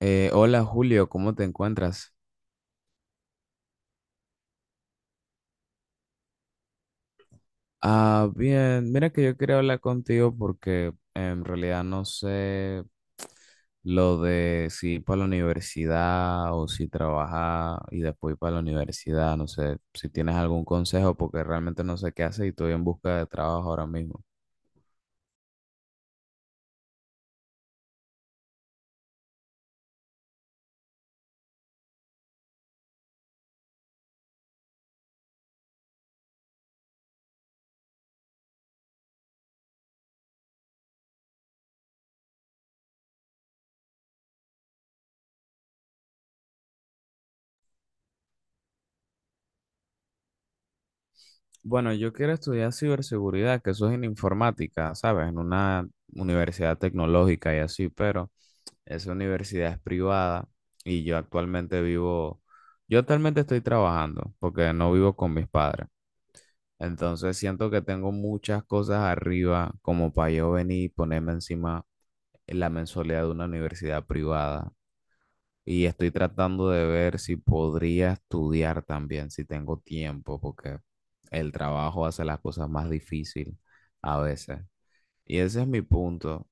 Hola Julio, ¿cómo te encuentras? Ah, bien, mira que yo quería hablar contigo porque en realidad no sé lo de si ir para la universidad o si trabajar y después ir para la universidad, no sé si tienes algún consejo porque realmente no sé qué hacer y estoy en busca de trabajo ahora mismo. Bueno, yo quiero estudiar ciberseguridad, que eso es en informática, ¿sabes? En una universidad tecnológica y así, pero... Esa universidad es privada y yo actualmente vivo, yo actualmente estoy trabajando porque no vivo con mis padres. Entonces siento que tengo muchas cosas arriba como para yo venir y ponerme encima la mensualidad de una universidad privada. Y estoy tratando de ver si podría estudiar también, si tengo tiempo, porque el trabajo hace las cosas más difícil a veces. Y ese es mi punto.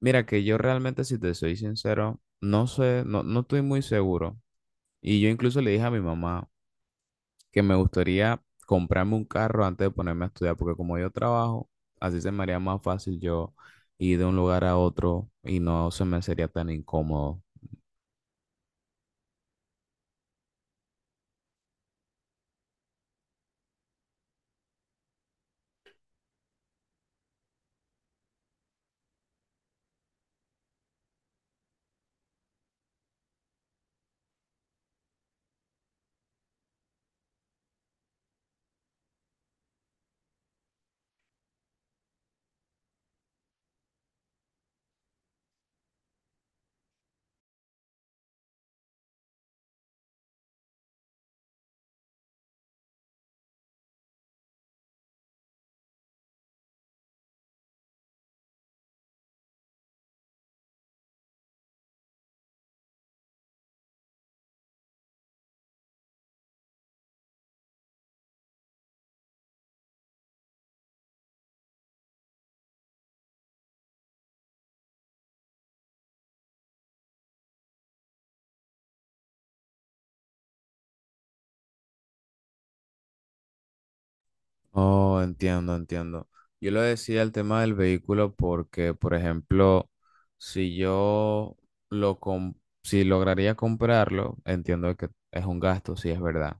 Mira que yo realmente, si te soy sincero, no sé, no estoy muy seguro. Y yo incluso le dije a mi mamá que me gustaría comprarme un carro antes de ponerme a estudiar, porque como yo trabajo, así se me haría más fácil yo ir de un lugar a otro y no se me sería tan incómodo. Oh, entiendo, entiendo. Yo lo decía el tema del vehículo porque, por ejemplo, si yo lo com- si lograría comprarlo, entiendo que es un gasto, sí es verdad.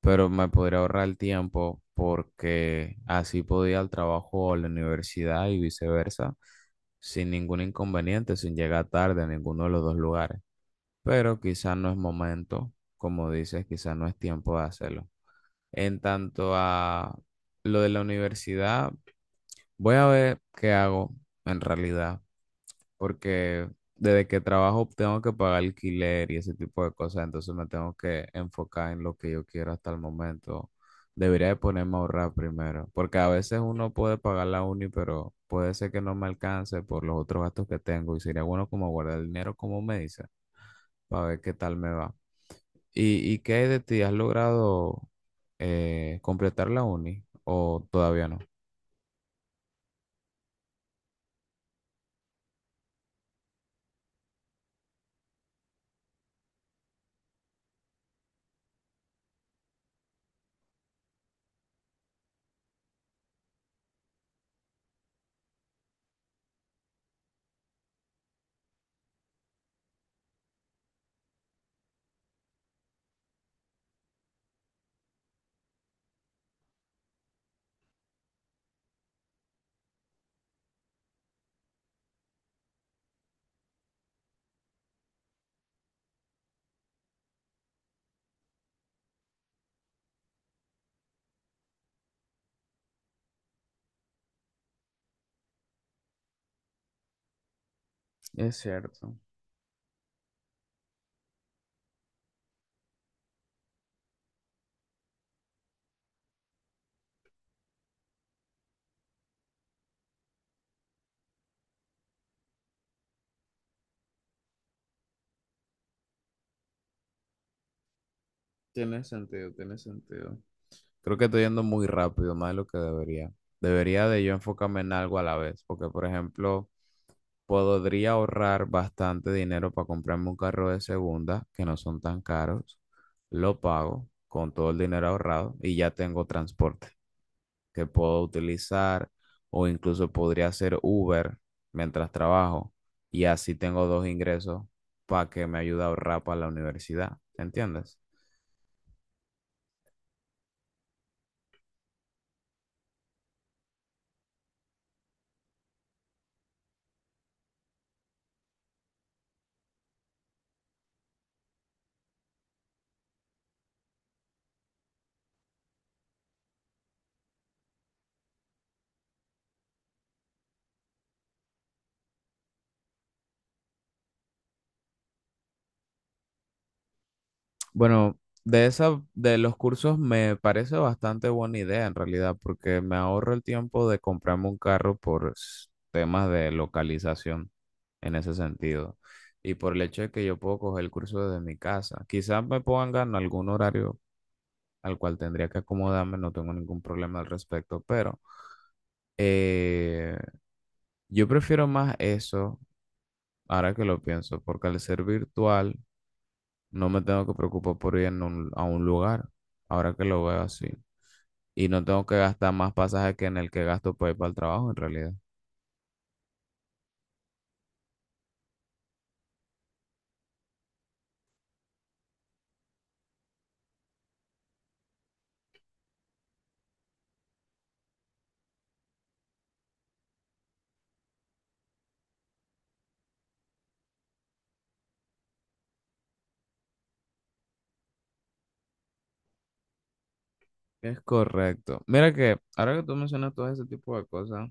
Pero me podría ahorrar el tiempo porque así podía ir al trabajo o a la universidad y viceversa sin ningún inconveniente, sin llegar tarde a ninguno de los dos lugares. Pero quizás no es momento, como dices, quizás no es tiempo de hacerlo. En tanto a lo de la universidad, voy a ver qué hago en realidad, porque desde que trabajo tengo que pagar alquiler y ese tipo de cosas, entonces me tengo que enfocar en lo que yo quiero hasta el momento. Debería de ponerme a ahorrar primero, porque a veces uno puede pagar la uni, pero puede ser que no me alcance por los otros gastos que tengo y sería bueno como guardar el dinero, como me dice, para ver qué tal me va. ¿Y qué hay de ti? ¿Has logrado completar la uni o todavía no? Es cierto, tiene sentido, tiene sentido. Creo que estoy yendo muy rápido, más de lo que debería. Debería de yo enfocarme en algo a la vez, porque por ejemplo, podría ahorrar bastante dinero para comprarme un carro de segunda, que no son tan caros. Lo pago con todo el dinero ahorrado y ya tengo transporte que puedo utilizar o incluso podría hacer Uber mientras trabajo y así tengo dos ingresos para que me ayude a ahorrar para la universidad. ¿Entiendes? Bueno, de esa, de los cursos me parece bastante buena idea en realidad, porque me ahorro el tiempo de comprarme un carro por temas de localización en ese sentido. Y por el hecho de que yo puedo coger el curso desde mi casa. Quizás me pongan algún horario al cual tendría que acomodarme, no tengo ningún problema al respecto, pero eh, yo prefiero más eso, ahora que lo pienso, porque al ser virtual no me tengo que preocupar por ir a un lugar, ahora que lo veo así. Y no tengo que gastar más pasaje que en el que gasto para ir para el trabajo en realidad. Es correcto. Mira que ahora que tú mencionas todo ese tipo de cosas,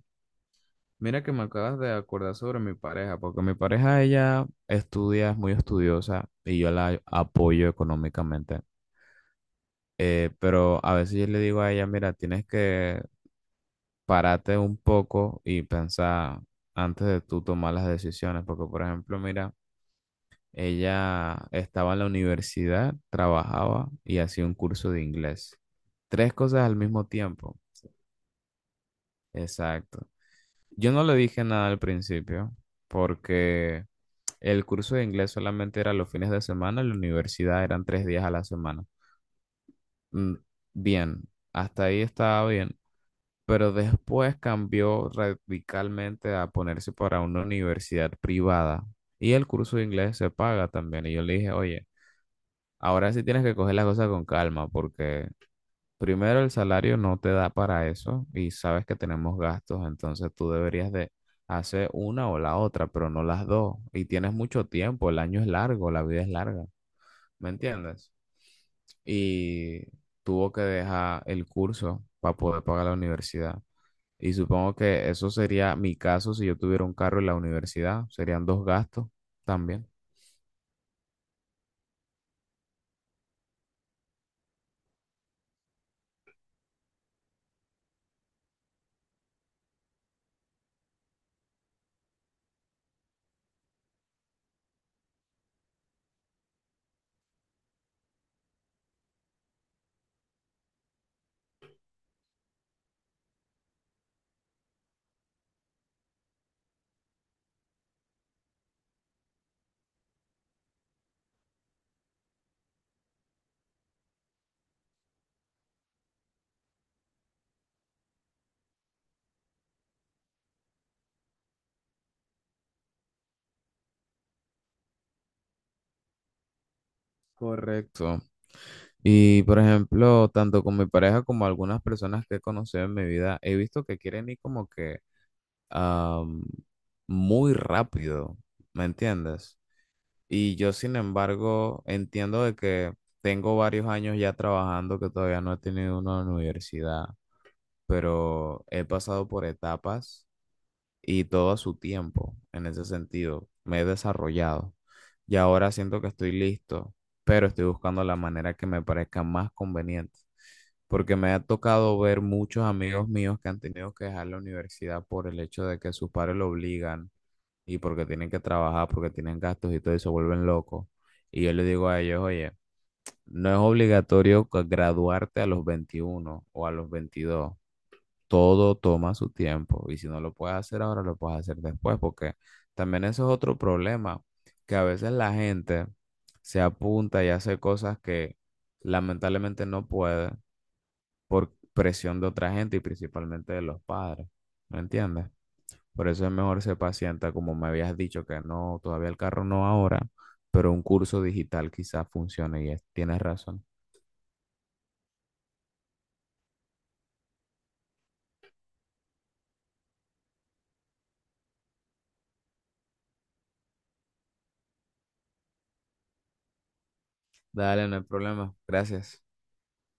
mira que me acabas de acordar sobre mi pareja, porque mi pareja ella estudia, es muy estudiosa y yo la apoyo económicamente. Pero a veces yo le digo a ella, mira, tienes que pararte un poco y pensar antes de tú tomar las decisiones, porque por ejemplo, mira, ella estaba en la universidad, trabajaba y hacía un curso de inglés. Tres cosas al mismo tiempo. Exacto. Yo no le dije nada al principio porque el curso de inglés solamente era los fines de semana, la universidad eran 3 días a la semana. Mm, Bien, hasta ahí estaba bien, pero después cambió radicalmente a ponerse para una universidad privada y el curso de inglés se paga también. Y yo le dije, oye, ahora sí tienes que coger las cosas con calma porque, primero, el salario no te da para eso y sabes que tenemos gastos, entonces tú deberías de hacer una o la otra, pero no las dos. Y tienes mucho tiempo, el año es largo, la vida es larga, ¿me entiendes? Y tuvo que dejar el curso para poder pagar la universidad. Y supongo que eso sería mi caso si yo tuviera un carro en la universidad, serían dos gastos también. Correcto. Y por ejemplo, tanto con mi pareja como algunas personas que he conocido en mi vida, he visto que quieren ir como que am, muy rápido, ¿me entiendes? Y yo, sin embargo, entiendo de que tengo varios años ya trabajando que todavía no he tenido una universidad, pero he pasado por etapas y todo a su tiempo en ese sentido. Me he desarrollado y ahora siento que estoy listo, pero estoy buscando la manera que me parezca más conveniente, porque me ha tocado ver muchos amigos míos que han tenido que dejar la universidad por el hecho de que sus padres lo obligan y porque tienen que trabajar, porque tienen gastos y todo y se vuelven locos. Y yo les digo a ellos, oye, no es obligatorio graduarte a los 21 o a los 22, todo toma su tiempo y si no lo puedes hacer ahora, lo puedes hacer después, porque también eso es otro problema, que a veces la gente se apunta y hace cosas que lamentablemente no puede por presión de otra gente y principalmente de los padres, ¿me entiendes? Por eso es mejor ser paciente, como me habías dicho que no, todavía el carro no ahora, pero un curso digital quizás funcione y tienes razón. Dale, no hay problema. Gracias.